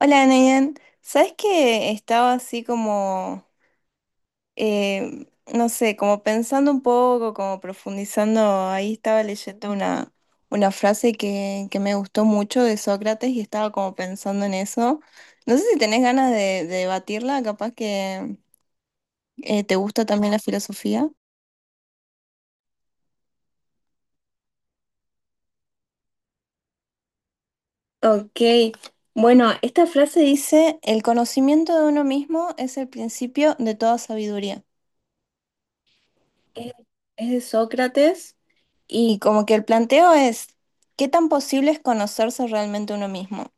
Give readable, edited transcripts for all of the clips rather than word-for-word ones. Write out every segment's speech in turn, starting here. Hola, Nayan. ¿Sabes que estaba así como, eh, no sé, como pensando un poco, como profundizando? Ahí estaba leyendo una frase que me gustó mucho de Sócrates y estaba como pensando en eso. No sé si tenés ganas de debatirla, capaz que te gusta también la filosofía. Ok, bueno, esta frase dice, el conocimiento de uno mismo es el principio de toda sabiduría. Es, es de Sócrates y como que el planteo es, ¿qué tan posible es conocerse realmente uno mismo?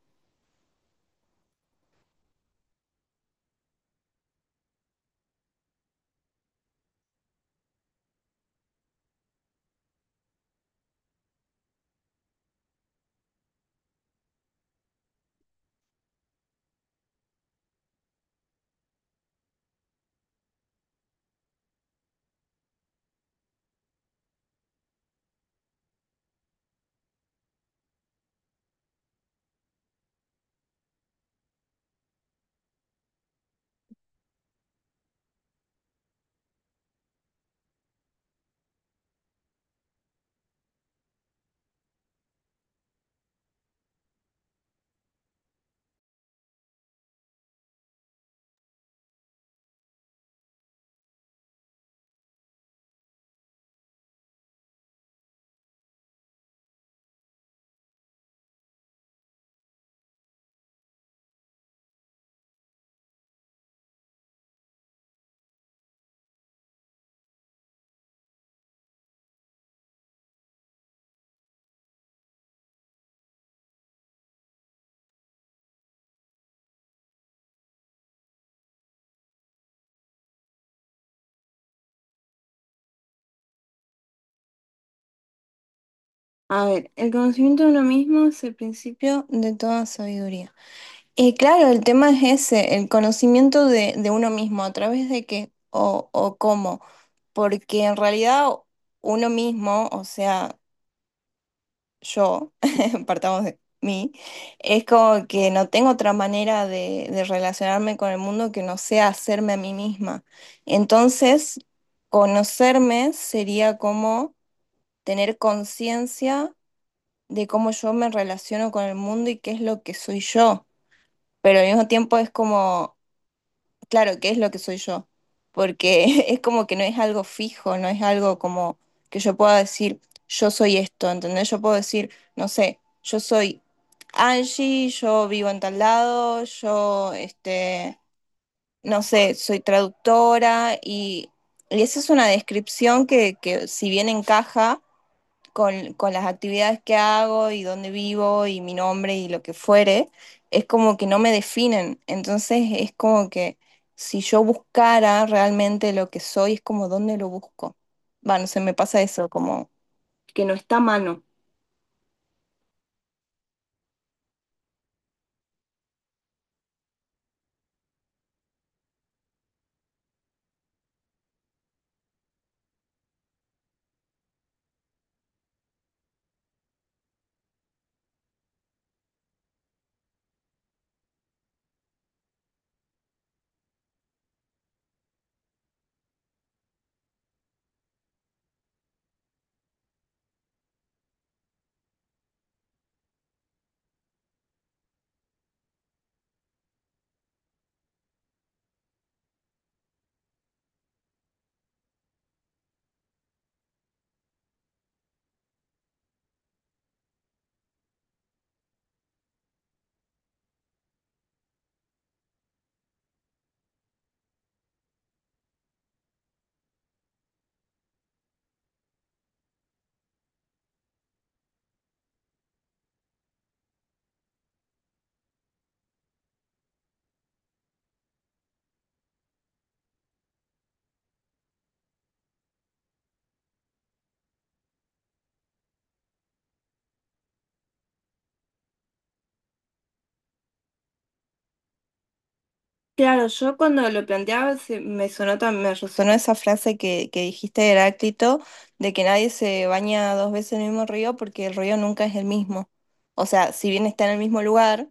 A ver, el conocimiento de uno mismo es el principio de toda sabiduría. Y claro, el tema es ese, el conocimiento de uno mismo, a través de qué o cómo, porque en realidad uno mismo, o sea... yo, partamos de mí, es como que no tengo otra manera de relacionarme con el mundo que no sea hacerme a mí misma. Entonces, conocerme sería como tener conciencia de cómo yo me relaciono con el mundo y qué es lo que soy yo. Pero al mismo tiempo es como claro, ¿qué es lo que soy yo? Porque es como que no es algo fijo, no es algo como que yo pueda decir, yo soy esto, ¿entendés? Yo puedo decir, no sé, yo soy Angie, yo vivo en tal lado, yo, este, no sé, soy traductora y esa es una descripción que si bien encaja, con las actividades que hago y dónde vivo y mi nombre y lo que fuere, es como que no me definen. Entonces es como que si yo buscara realmente lo que soy, es como dónde lo busco. Bueno, se me pasa eso, como que no está a mano. Claro, yo cuando lo planteaba me sonó, me resonó esa frase que dijiste de Heráclito, de que nadie se baña dos veces en el mismo río porque el río nunca es el mismo. O sea, si bien está en el mismo lugar,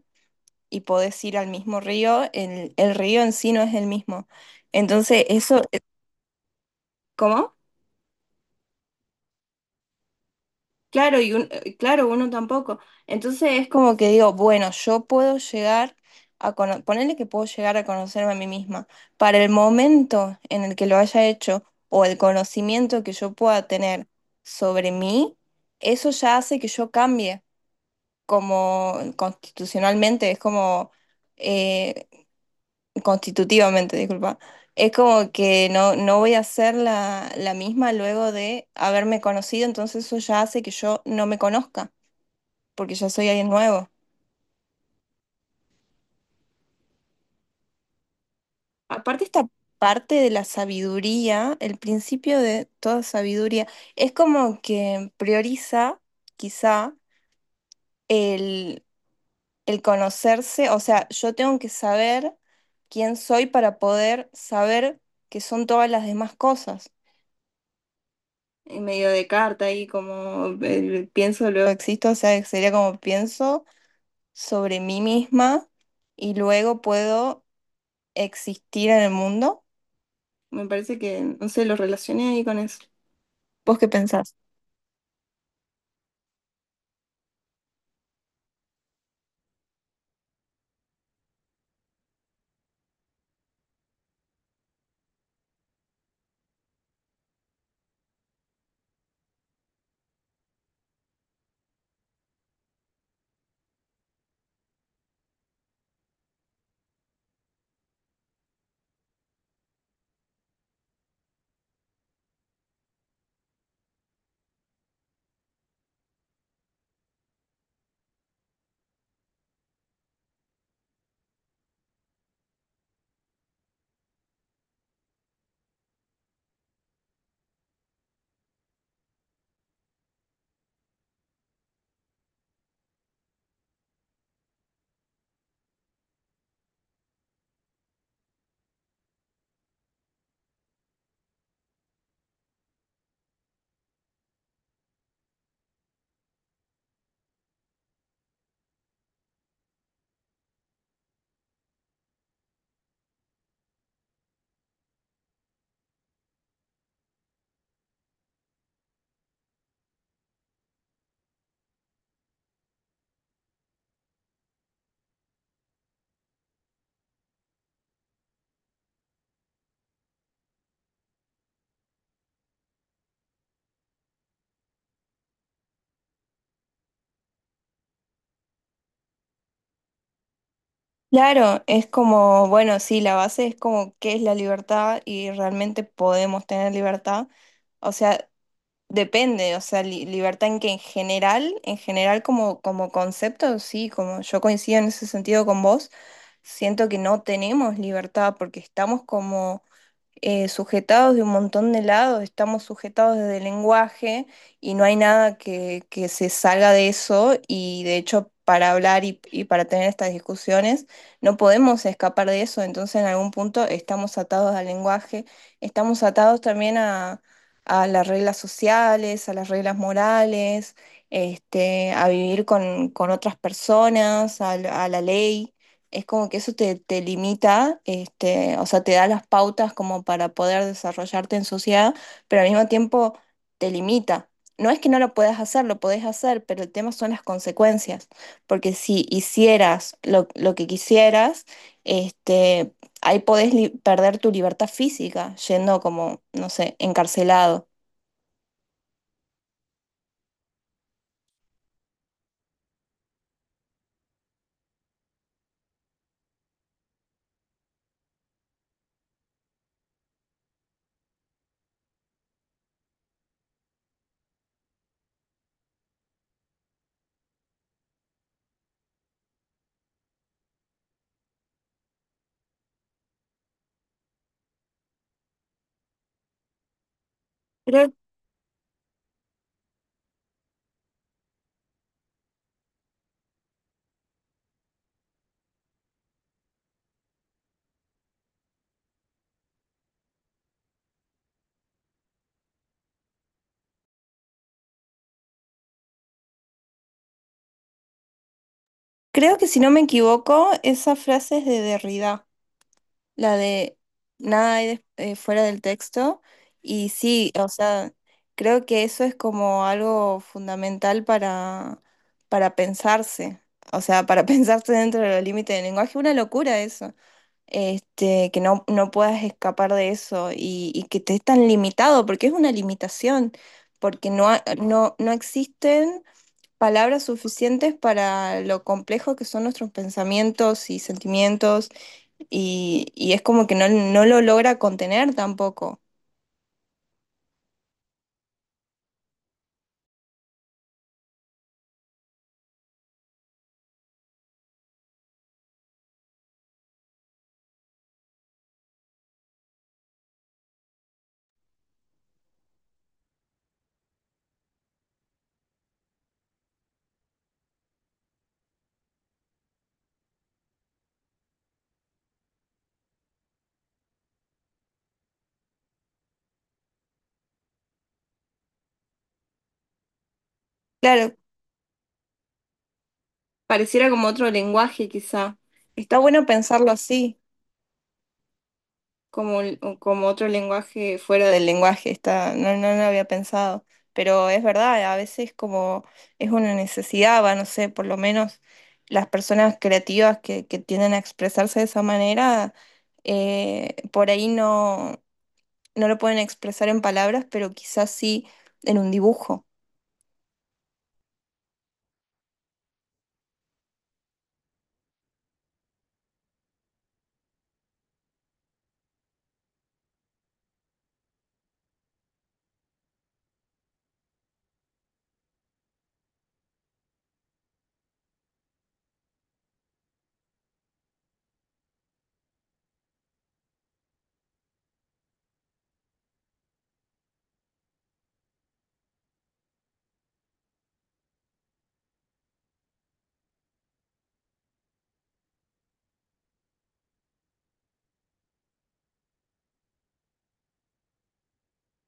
y podés ir al mismo río, el río en sí no es el mismo. Entonces, ¿cómo? Claro, claro, uno tampoco. Entonces es como que digo, bueno, yo puedo llegar a conocer, ponerle que puedo llegar a conocerme a mí misma. Para el momento en el que lo haya hecho o el conocimiento que yo pueda tener sobre mí, eso ya hace que yo cambie como constitucionalmente. Es como, eh, constitutivamente, disculpa. Es como que no voy a ser la misma luego de haberme conocido, entonces eso ya hace que yo no me conozca, porque ya soy alguien nuevo. Aparte esta parte de la sabiduría, el principio de toda sabiduría, es como que prioriza quizá el, el conocerse, o sea, yo tengo que saber quién soy para poder saber qué son todas las demás cosas. En medio de carta y como el pienso, luego existo, o sea, sería como pienso sobre mí misma y luego puedo existir en el mundo. Me parece que, no sé, lo relacioné ahí con eso. ¿Vos qué pensás? Claro, es como, bueno, sí, la base es como qué es la libertad y realmente podemos tener libertad. O sea, depende, o sea, libertad en que en general como, como concepto, sí, como yo coincido en ese sentido con vos, siento que no tenemos libertad porque estamos como sujetados de un montón de lados, estamos sujetados desde el lenguaje y no hay nada que se salga de eso y de hecho para hablar y para tener estas discusiones no podemos escapar de eso, entonces en algún punto estamos atados al lenguaje, estamos atados también a las reglas sociales, a las reglas morales, este, a vivir con otras personas, a la ley. Es como que eso te limita, este, o sea, te da las pautas como para poder desarrollarte en sociedad, pero al mismo tiempo te limita. No es que no lo puedas hacer, lo podés hacer, pero el tema son las consecuencias, porque si hicieras lo que quisieras, este, ahí podés perder tu libertad física, yendo como, no sé, encarcelado. Creo, Creo que si no me equivoco, esa frase es de Derrida. La de nada hay fuera del texto. Y sí, o sea, creo que eso es como algo fundamental para pensarse. O sea, para pensarse dentro de los límites del lenguaje. Una locura eso. Este, que no puedas escapar de eso y que te es tan limitado, porque es una limitación, porque no existen palabras suficientes para lo complejo que son nuestros pensamientos y sentimientos y es como que no lo logra contener tampoco. Claro, pareciera como otro lenguaje quizá. Está bueno pensarlo así, como, como otro lenguaje fuera del lenguaje. Está, no lo había pensado, pero es verdad, a veces como es una necesidad, va, no sé, por lo menos las personas creativas que tienden a expresarse de esa manera, por ahí no, no lo pueden expresar en palabras, pero quizás sí en un dibujo.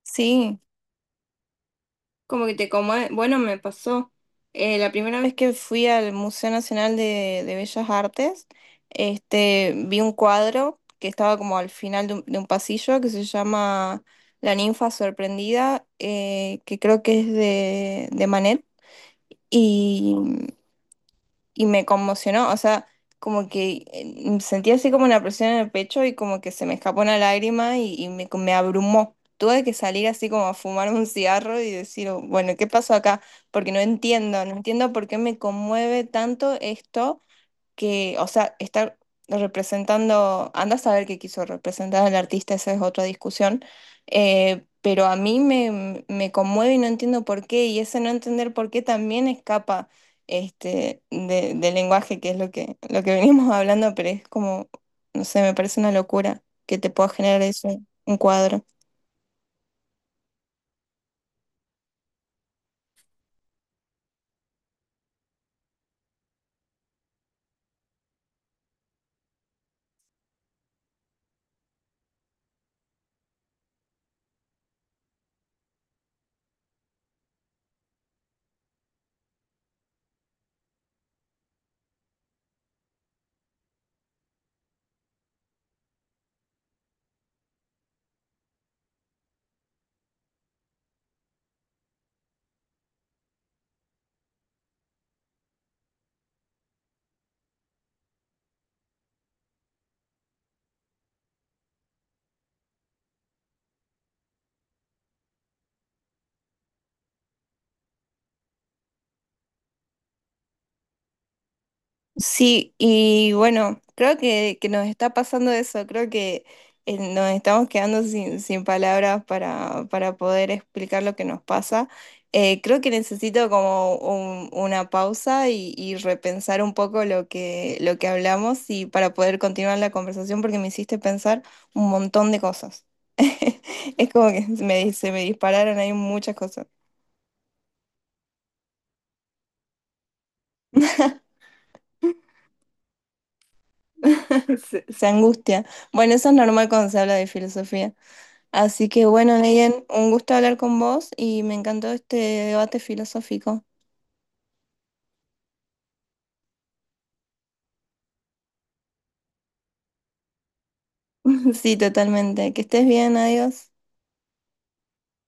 Sí. Como que te bueno, me pasó. La primera vez que fui al Museo Nacional de Bellas Artes, este, vi un cuadro que estaba como al final de un pasillo que se llama La ninfa sorprendida, que creo que es de Manet y me conmocionó, o sea, como que sentí así como una presión en el pecho y como que se me escapó una lágrima y me abrumó. Tuve que salir así como a fumar un cigarro y decir, "Oh, bueno, ¿qué pasó acá? Porque no entiendo, no entiendo por qué me conmueve tanto esto que, o sea, está representando, anda a saber qué quiso representar al artista, esa es otra discusión, pero a mí me conmueve y no entiendo por qué, y ese no entender por qué también escapa este, del lenguaje, que es lo que venimos hablando, pero es como, no sé, me parece una locura que te pueda generar eso, un cuadro. Sí, y bueno, creo que nos está pasando eso, creo que nos estamos quedando sin palabras para poder explicar lo que nos pasa. Creo que necesito como una pausa y repensar un poco lo que hablamos y para poder continuar la conversación porque me hiciste pensar un montón de cosas. Es como que me, se me dispararon ahí muchas cosas. Se angustia. Bueno, eso es normal cuando se habla de filosofía. Así que bueno, Neyen, un gusto hablar con vos y me encantó este debate filosófico. Sí, totalmente. Que estés bien, adiós.